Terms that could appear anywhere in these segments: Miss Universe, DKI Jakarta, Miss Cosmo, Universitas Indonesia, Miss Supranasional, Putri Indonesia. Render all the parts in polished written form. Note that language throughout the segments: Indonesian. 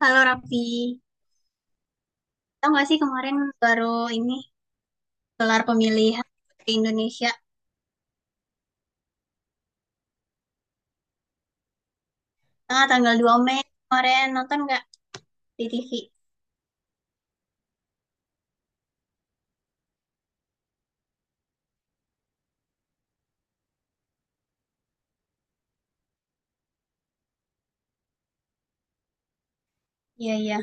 Halo Raffi, tau gak sih kemarin baru ini gelar pemilihan di Indonesia. Tanggal 2 Mei kemarin nonton nggak di TV? Iya, iya,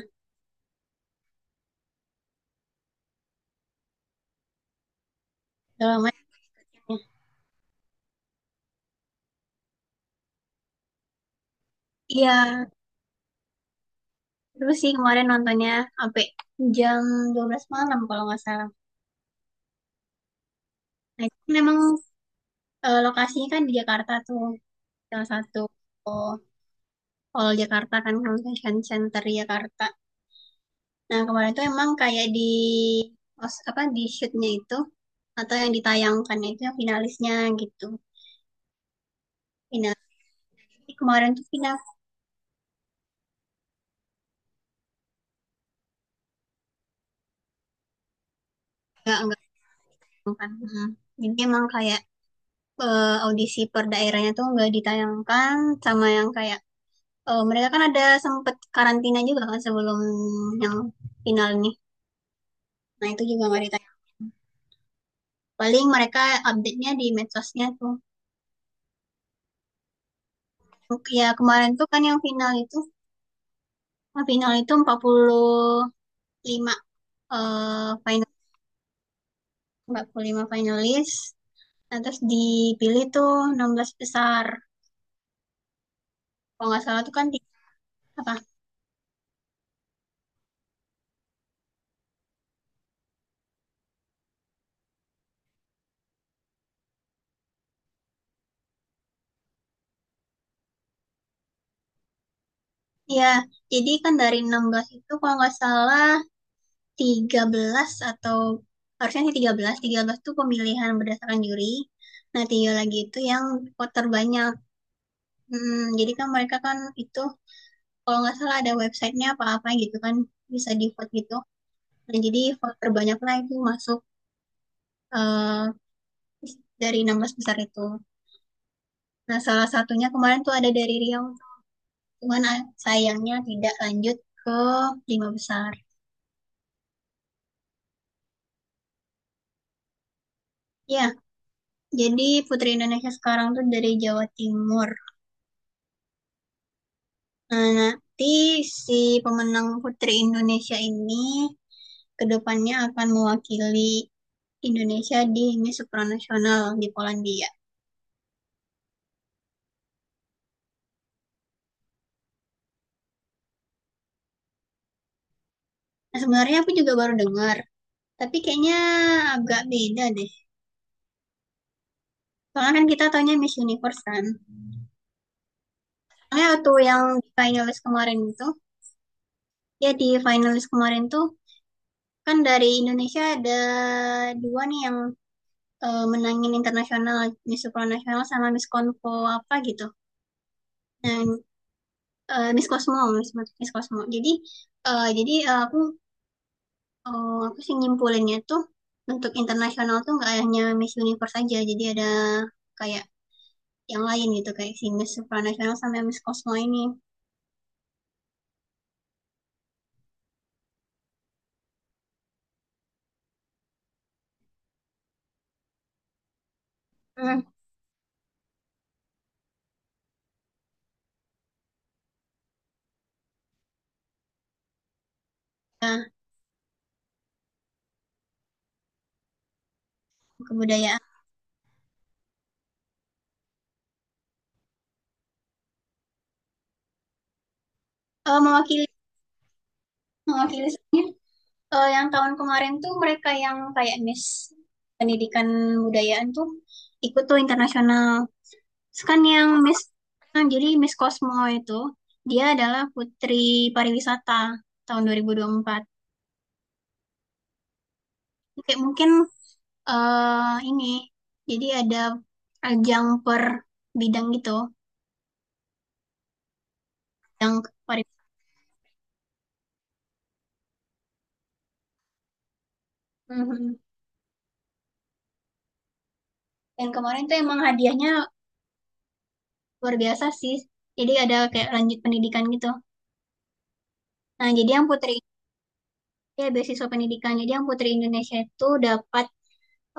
udah lama ya. Iya, terus sih kemarin nontonnya sampai jam 12 malam kalau nggak salah. Nah itu memang, lokasinya kan di Jakarta tuh, salah satu oh, Hall Jakarta kan Convention Center Jakarta. Nah kemarin tuh emang kayak di apa di shootnya itu atau yang ditayangkan itu yang finalisnya gitu. final Jadi kemarin tuh final nggak ditayangkan. Hmm. Jadi emang kayak audisi per daerahnya tuh nggak ditayangkan sama yang kayak mereka kan ada sempet karantina juga kan sebelum yang final nih. Nah itu juga nggak ditayang. Paling mereka update-nya di medsosnya tuh. Ya kemarin tuh kan yang final itu 45 eh final 45 finalis. Nah, terus dipilih tuh 16 besar. Kalau nggak salah tuh kan apa? Ya, jadi kan dari 16 itu kalau nggak salah 13 atau harusnya sih 13, 13 itu pemilihan berdasarkan juri. Nah, tiga lagi itu yang voter banyak. Hmm, jadi kan mereka kan itu kalau nggak salah ada websitenya apa-apa gitu kan bisa di vote gitu. Nah, jadi voter banyak lah itu masuk eh, dari 16 besar itu. Nah, salah satunya kemarin tuh ada dari Riau, cuman sayangnya tidak lanjut ke lima besar. Ya, jadi Putri Indonesia sekarang tuh dari Jawa Timur. Nah, nanti si pemenang Putri Indonesia ini kedepannya akan mewakili Indonesia di Miss Supranasional di Polandia. Nah, sebenarnya aku juga baru dengar, tapi kayaknya agak beda deh. Soalnya kan kita taunya Miss Universe kan. Soalnya waktu yang finalis kemarin itu, ya di finalis kemarin tuh kan dari Indonesia ada dua nih yang menangin internasional, Miss Supranasional Nasional sama Miss Konfo apa gitu. Dan Miss Cosmo, Miss Cosmo. Jadi aku sih nyimpulinnya tuh untuk internasional tuh nggak hanya Miss Universe aja, jadi ada kayak yang lain gitu kayak si Miss Supranasional sama Miss Cosmo ini. Hmm. Nah, kebudayaan. Mewakili mewakili soalnya, yang tahun kemarin tuh mereka yang kayak Miss Pendidikan Budayaan tuh ikut tuh internasional. Kan yang Miss yang jadi Miss Cosmo itu dia adalah putri pariwisata tahun dua dua ribu dua puluh empat. Kayak mungkin ini jadi ada ajang per bidang gitu, yang pariwisata. Mhm. Dan kemarin tuh emang hadiahnya luar biasa sih. Jadi ada kayak lanjut pendidikan gitu. Nah, jadi yang putri ya beasiswa pendidikan. Jadi yang putri Indonesia itu dapat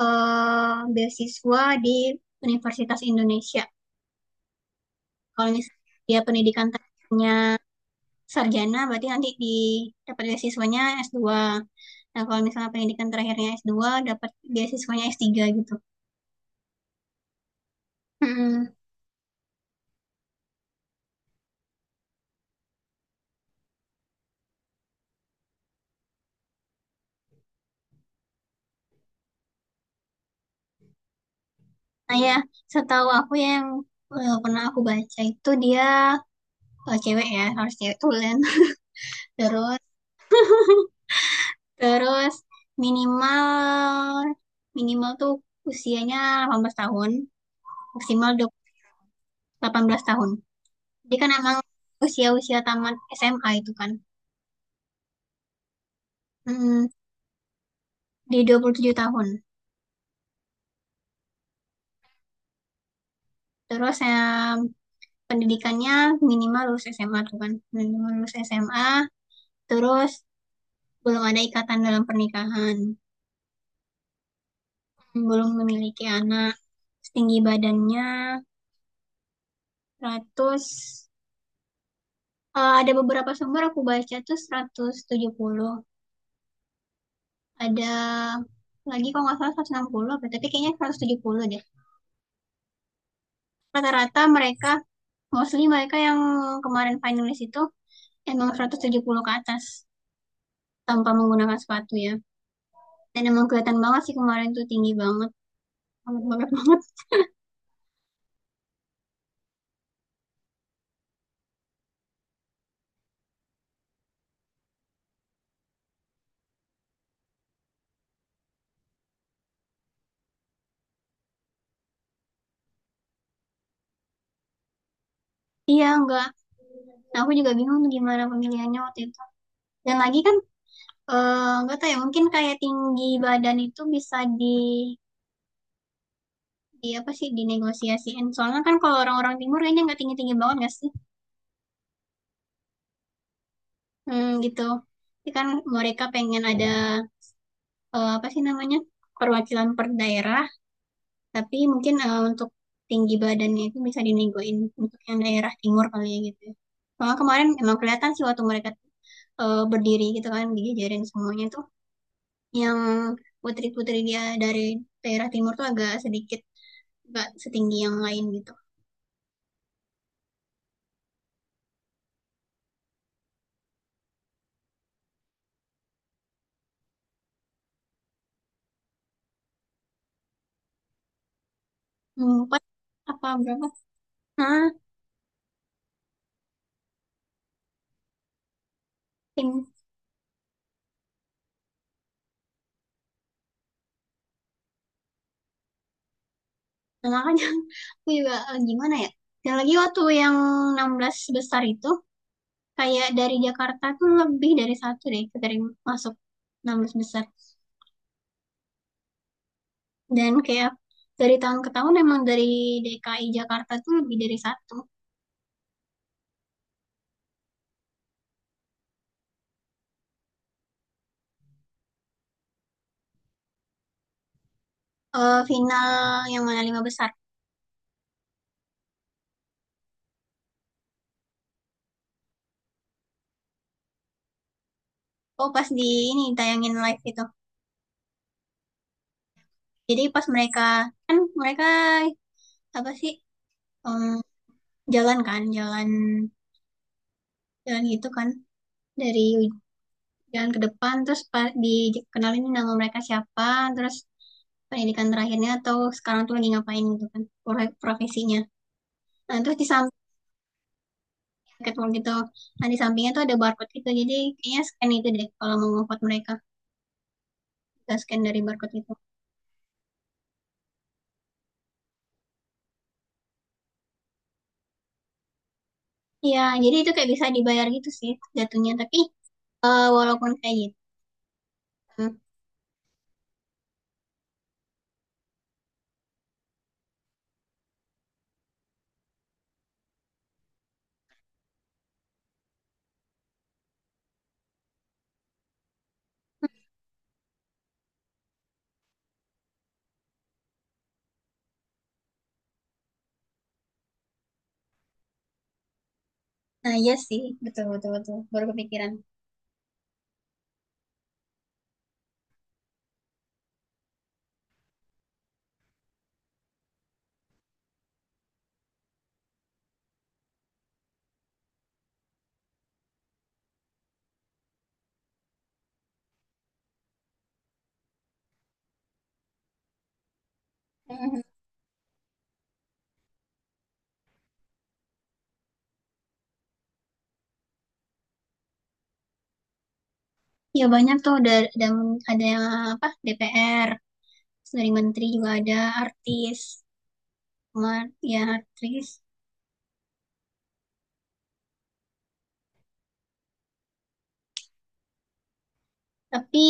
beasiswa di Universitas Indonesia. Kalau misalnya dia pendidikan tekniknya sarjana, berarti nanti di dapat beasiswanya S2. Nah, kalau misalnya pendidikan terakhirnya S2, dapat beasiswanya S3 gitu. Mm-mm. Nah, ya, setahu aku ya yang pernah aku baca itu dia cewek ya, harus cewek tulen. Terus, terus, minimal minimal tuh usianya 18 tahun, maksimal 18 tahun. Jadi kan emang usia-usia tamat SMA itu kan. Mm, di 27 tahun. Terus saya pendidikannya minimal lulus SMA tuh kan. Minimal lulus SMA, terus belum ada ikatan dalam pernikahan, belum memiliki anak. Setinggi badannya 100 ada beberapa sumber aku baca tuh 170. Ada lagi kalau nggak salah 160 apa, tapi kayaknya 170 deh. Rata-rata mereka, mostly mereka yang kemarin finalis itu emang 170 ke atas tanpa menggunakan sepatu ya. Dan emang kelihatan banget sih kemarin tuh tinggi banget, banget banget banget. Iya enggak. Nah, aku juga bingung gimana pemilihannya waktu itu. Dan lagi kan enggak tahu ya mungkin kayak tinggi badan itu bisa di apa sih dinegosiasiin. Soalnya kan kalau orang-orang timur kayaknya nggak tinggi-tinggi banget nggak sih? Hmm, gitu. Jadi kan mereka pengen ada apa sih namanya perwakilan per daerah. Tapi mungkin untuk tinggi badannya itu bisa dinegoin untuk yang daerah timur kali ya gitu. Ya. Soalnya kemarin emang kelihatan sih waktu mereka berdiri gitu kan dijajarin semuanya tuh yang putri-putri dia dari daerah timur tuh agak sedikit nggak setinggi yang lain gitu. Hmm, empat apa berapa? Nah, tim nah, makanya aku juga gimana ya? Dan lagi waktu yang 16 besar itu kayak dari Jakarta tuh lebih dari satu deh dari masuk 16 besar. Dan kayak dari tahun ke tahun emang dari DKI Jakarta tuh lebih dari satu. Final yang mana lima besar. Oh pas di ini tayangin live itu. Jadi pas mereka apa sih em, jalan kan jalan jalan gitu kan dari jalan ke depan terus dikenalin nama mereka siapa terus pendidikan terakhirnya atau sekarang tuh lagi ngapain gitu kan profesinya. Nah terus di samping ketemu gitu. Nah, di sampingnya tuh ada barcode gitu. Jadi kayaknya scan itu deh kalau mau nge-vote mereka. Kita scan dari barcode itu. Iya, jadi itu kayak bisa dibayar gitu sih jatuhnya. Tapi walaupun kayak gitu. Nah, iya sih. Betul, betul, betul. Baru kepikiran. Mhm. Ya banyak tuh ada yang apa DPR, terus dari menteri juga ada artis. Cuma, ya artis. Tapi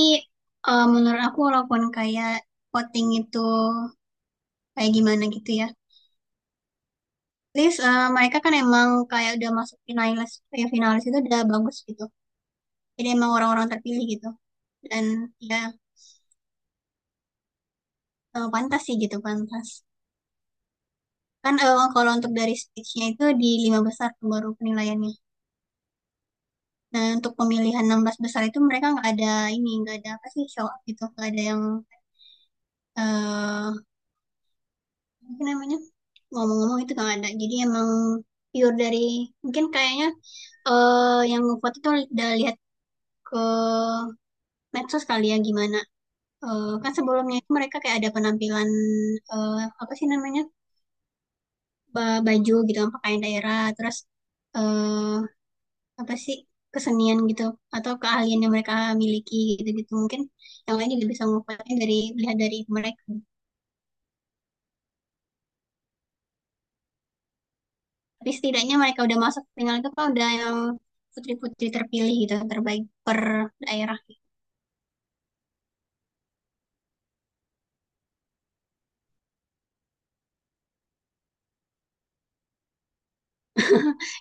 menurut aku walaupun kayak voting itu kayak gimana gitu ya, least mereka kan emang kayak udah masuk finalis kayak finalis itu udah bagus gitu, jadi emang orang-orang terpilih gitu dan ya pantas sih gitu pantas. Kan kalau untuk dari stage-nya itu di lima besar tuh baru penilaiannya. Nah untuk pemilihan 16 besar itu mereka nggak ada ini nggak ada apa sih show up gitu nggak ada yang eh apa namanya ngomong-ngomong itu nggak ada, jadi emang pure dari mungkin kayaknya yang ngevote itu udah lihat ke medsos kali ya gimana. Kan sebelumnya itu mereka kayak ada penampilan eh, apa sih namanya baju gitu kan, pakaian daerah terus eh, apa sih kesenian gitu atau keahlian yang mereka miliki gitu gitu mungkin yang lain juga bisa ngupayain dari lihat dari mereka. Tapi setidaknya mereka udah masuk final itu kan udah yang putri-putri terpilih gitu terbaik per daerah.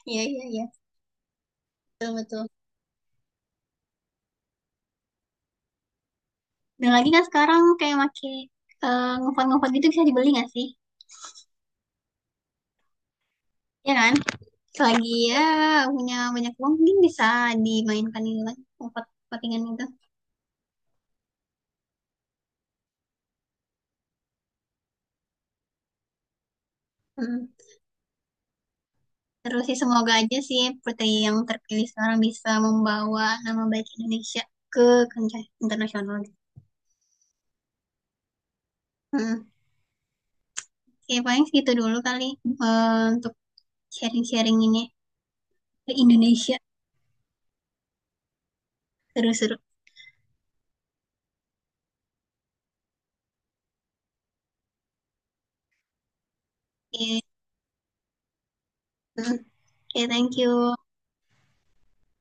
Iya, iya, iya, betul, betul. Dan lagi kan sekarang kayak makin ngupon-ngupon gitu bisa dibeli nggak sih? Iya kan. Selagi ya punya banyak uang mungkin bisa dimainkan itu kan empat pertandingan itu. Mm. Terus sih semoga aja sih putri yang terpilih sekarang bisa membawa nama baik Indonesia ke kancah internasional. Mm. Oke, paling segitu dulu kali eh, untuk sharing-sharing ini ke Indonesia seru-seru. Oke. Mm. Oke, thank you.